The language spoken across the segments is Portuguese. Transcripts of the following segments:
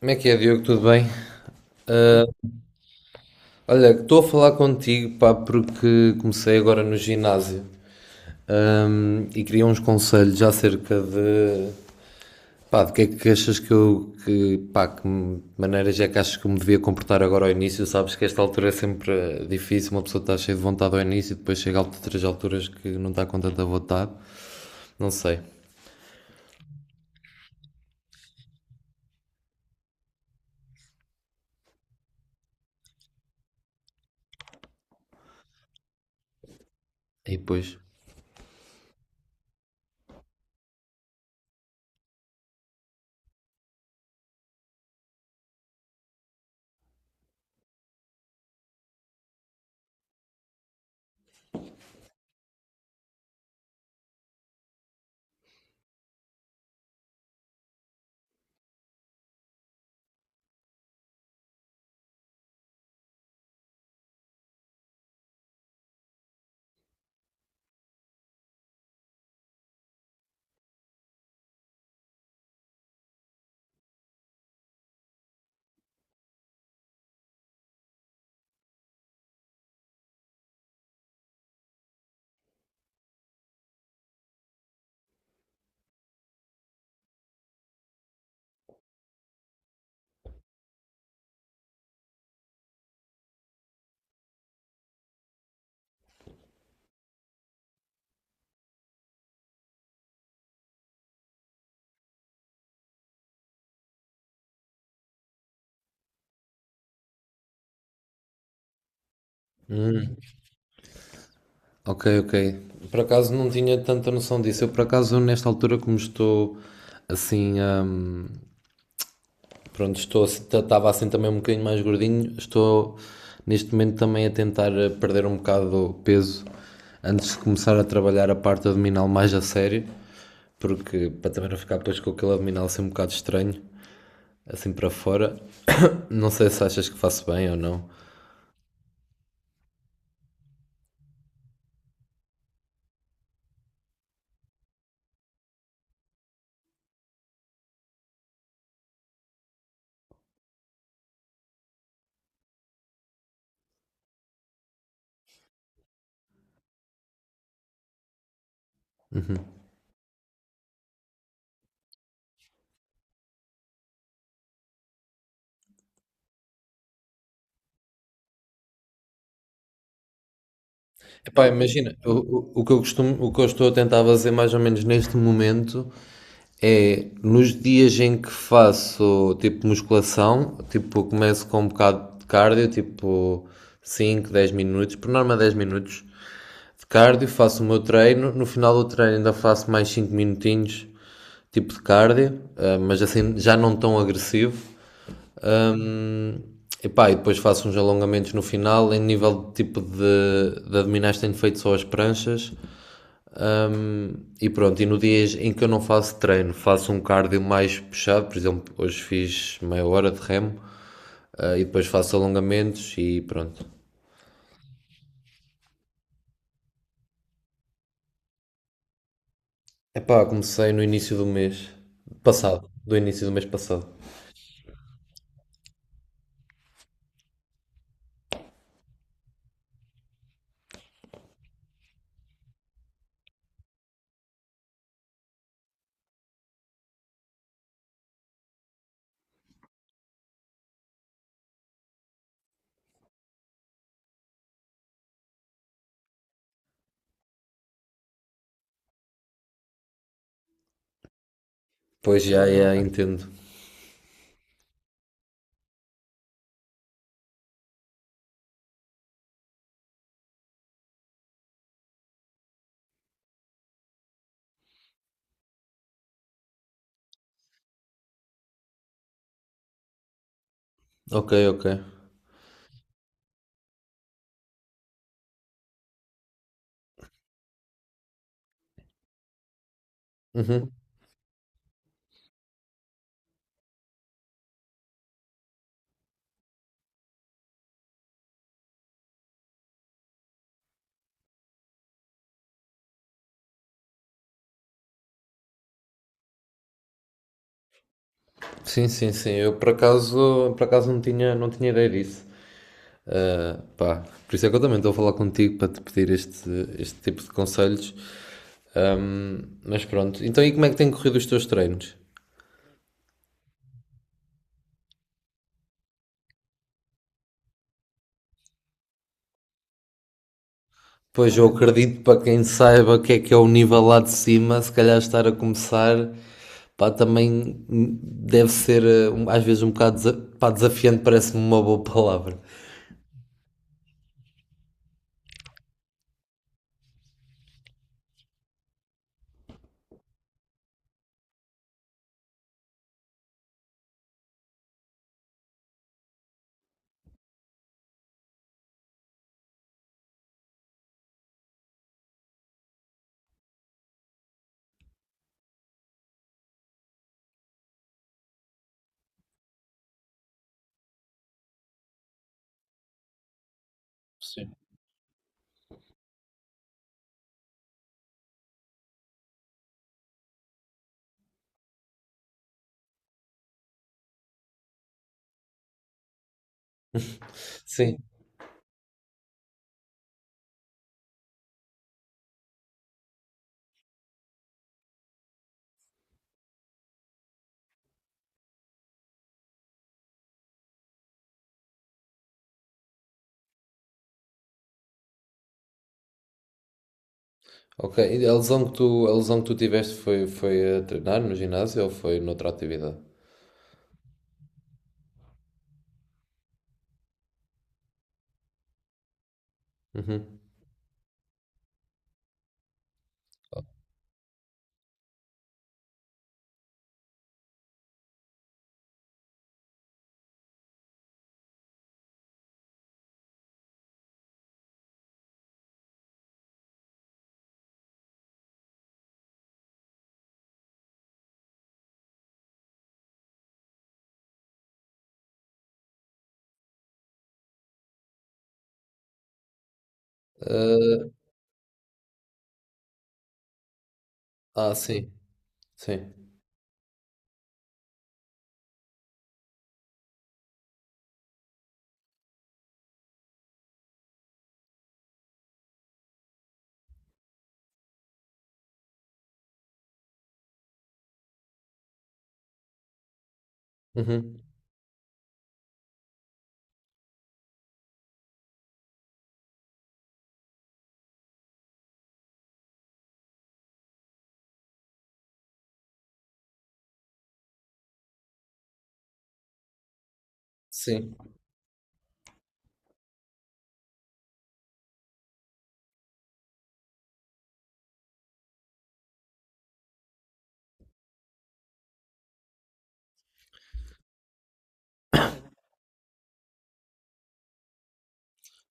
Como é que é, Diogo? Tudo bem? Olha, estou a falar contigo, pá, porque comecei agora no ginásio, e queria uns conselhos acerca de, pá, de que é que achas que eu, pá, que maneiras é que achas que eu me devia comportar agora ao início? Sabes que esta altura é sempre difícil, uma pessoa está cheia de vontade ao início e depois chega a outras alturas que não está com tanta vontade, não sei. E depois... Ok, ok. Por acaso não tinha tanta noção disso. Eu, por acaso, nesta altura, como estou assim, pronto, estava assim também um bocadinho mais gordinho. Estou neste momento também a tentar perder um bocado de peso antes de começar a trabalhar a parte abdominal mais a sério, porque para também não ficar depois com aquele abdominal assim um bocado estranho, assim para fora. Não sei se achas que faço bem ou não. Epá, imagina, o que eu costumo, o que eu estou a tentar fazer mais ou menos neste momento é nos dias em que faço tipo musculação, tipo começo com um bocado de cardio, tipo 5 10 minutos, por norma 10 minutos de cardio, faço o meu treino, no final do treino ainda faço mais 5 minutinhos tipo de cardio, mas assim já não tão agressivo. Epá, e depois faço uns alongamentos no final. Em nível de tipo de abdominais, tenho feito só as pranchas. E pronto, e no dias em que eu não faço treino, faço um cardio mais puxado, por exemplo, hoje fiz 1/2 hora de remo, ah, e depois faço alongamentos e pronto. Epá, comecei no início do mês passado, do início do mês passado. Pois já, já, entendo. Ok, ok. Uhum. Sim, sim, sim. Eu por acaso não tinha ideia disso. Pá, por isso é que eu também estou a falar contigo para te pedir este tipo de conselhos. Mas pronto. Então, e como é que têm corrido os teus treinos? Pois eu acredito para quem saiba o que é o nível lá de cima, se calhar estar a começar, pá, também deve ser um- às vezes um bocado desa- pá, desafiante, parece-me uma boa palavra. Sim. Ok. E a lesão a lesão que tu tiveste foi, foi a treinar no ginásio ou foi noutra atividade? Uhum. Ah, sim. Sim. Uhum. Sim.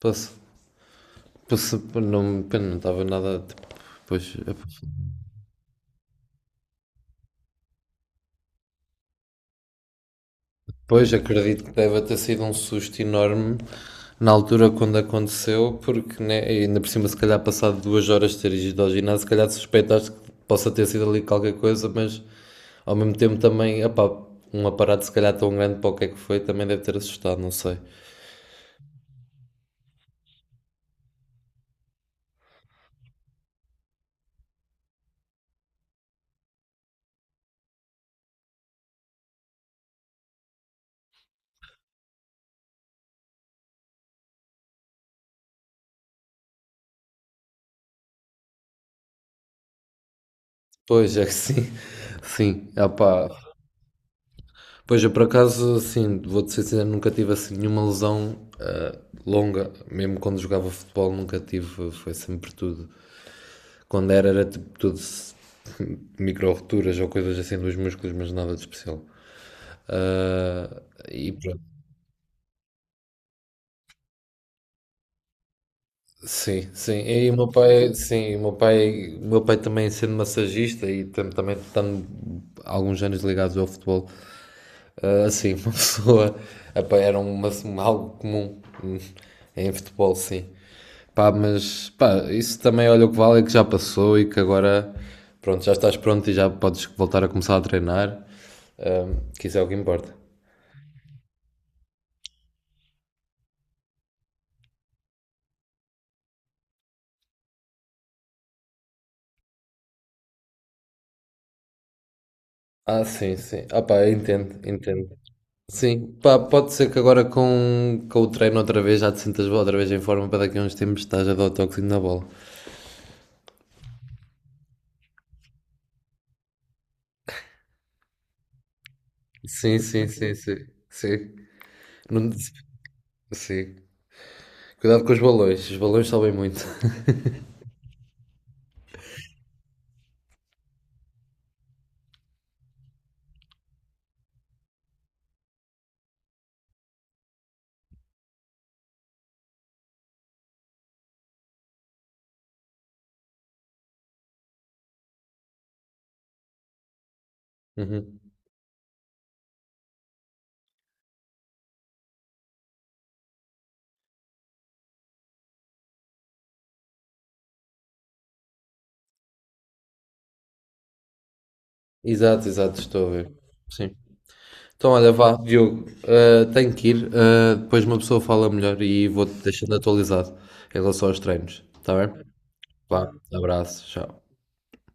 Posso, posso, não, pena, não estava nada, tipo, pois. Pois, acredito que deve ter sido um susto enorme na altura quando aconteceu, porque né, e ainda por cima, se calhar, passado 2 horas de ter ido ao ginásio, se calhar suspeitaste que possa ter sido ali qualquer coisa, mas ao mesmo tempo também, epá, um aparato se calhar tão grande para o que é que foi também deve ter assustado, não sei. Pois, é que sim, sim, epá. Pois, eu por acaso, assim, vou-te ser sincero, nunca tive assim nenhuma lesão ah, longa, mesmo quando jogava futebol, nunca tive, foi sempre tudo. Quando era, era tipo tudo micro-roturas ou coisas assim dos músculos, mas nada de especial. Ah, e pronto. Sim, sim. E o meu pai, sim, o meu pai também sendo massagista e tam- também estando alguns anos ligados ao futebol, ah, assim, uma pessoa. Epá, era uma- algo comum em futebol, sim. Pá, mas pá, isso também olha o que vale é que já passou e que agora pronto, já estás pronto e já podes voltar a começar a treinar. Que isso é o que importa. Ah, sim, sim. Ah, pá, eu entendo, entendo. Sim, pá, pode ser que agora com o treino outra vez já te sintas outra vez em forma para daqui a uns tempos estás a dar o toquezinho na bola. Sim, sim, sim, sim. Sim. Não- sim. Cuidado com os balões sobem muito. Uhum. Exato, exato, estou a ver. Sim. Então, olha, vá, Diogo, ah, tenho que ir. Ah, depois uma pessoa fala melhor e vou-te deixando atualizado em relação aos treinos. Está bem? Vá, abraço, tchau.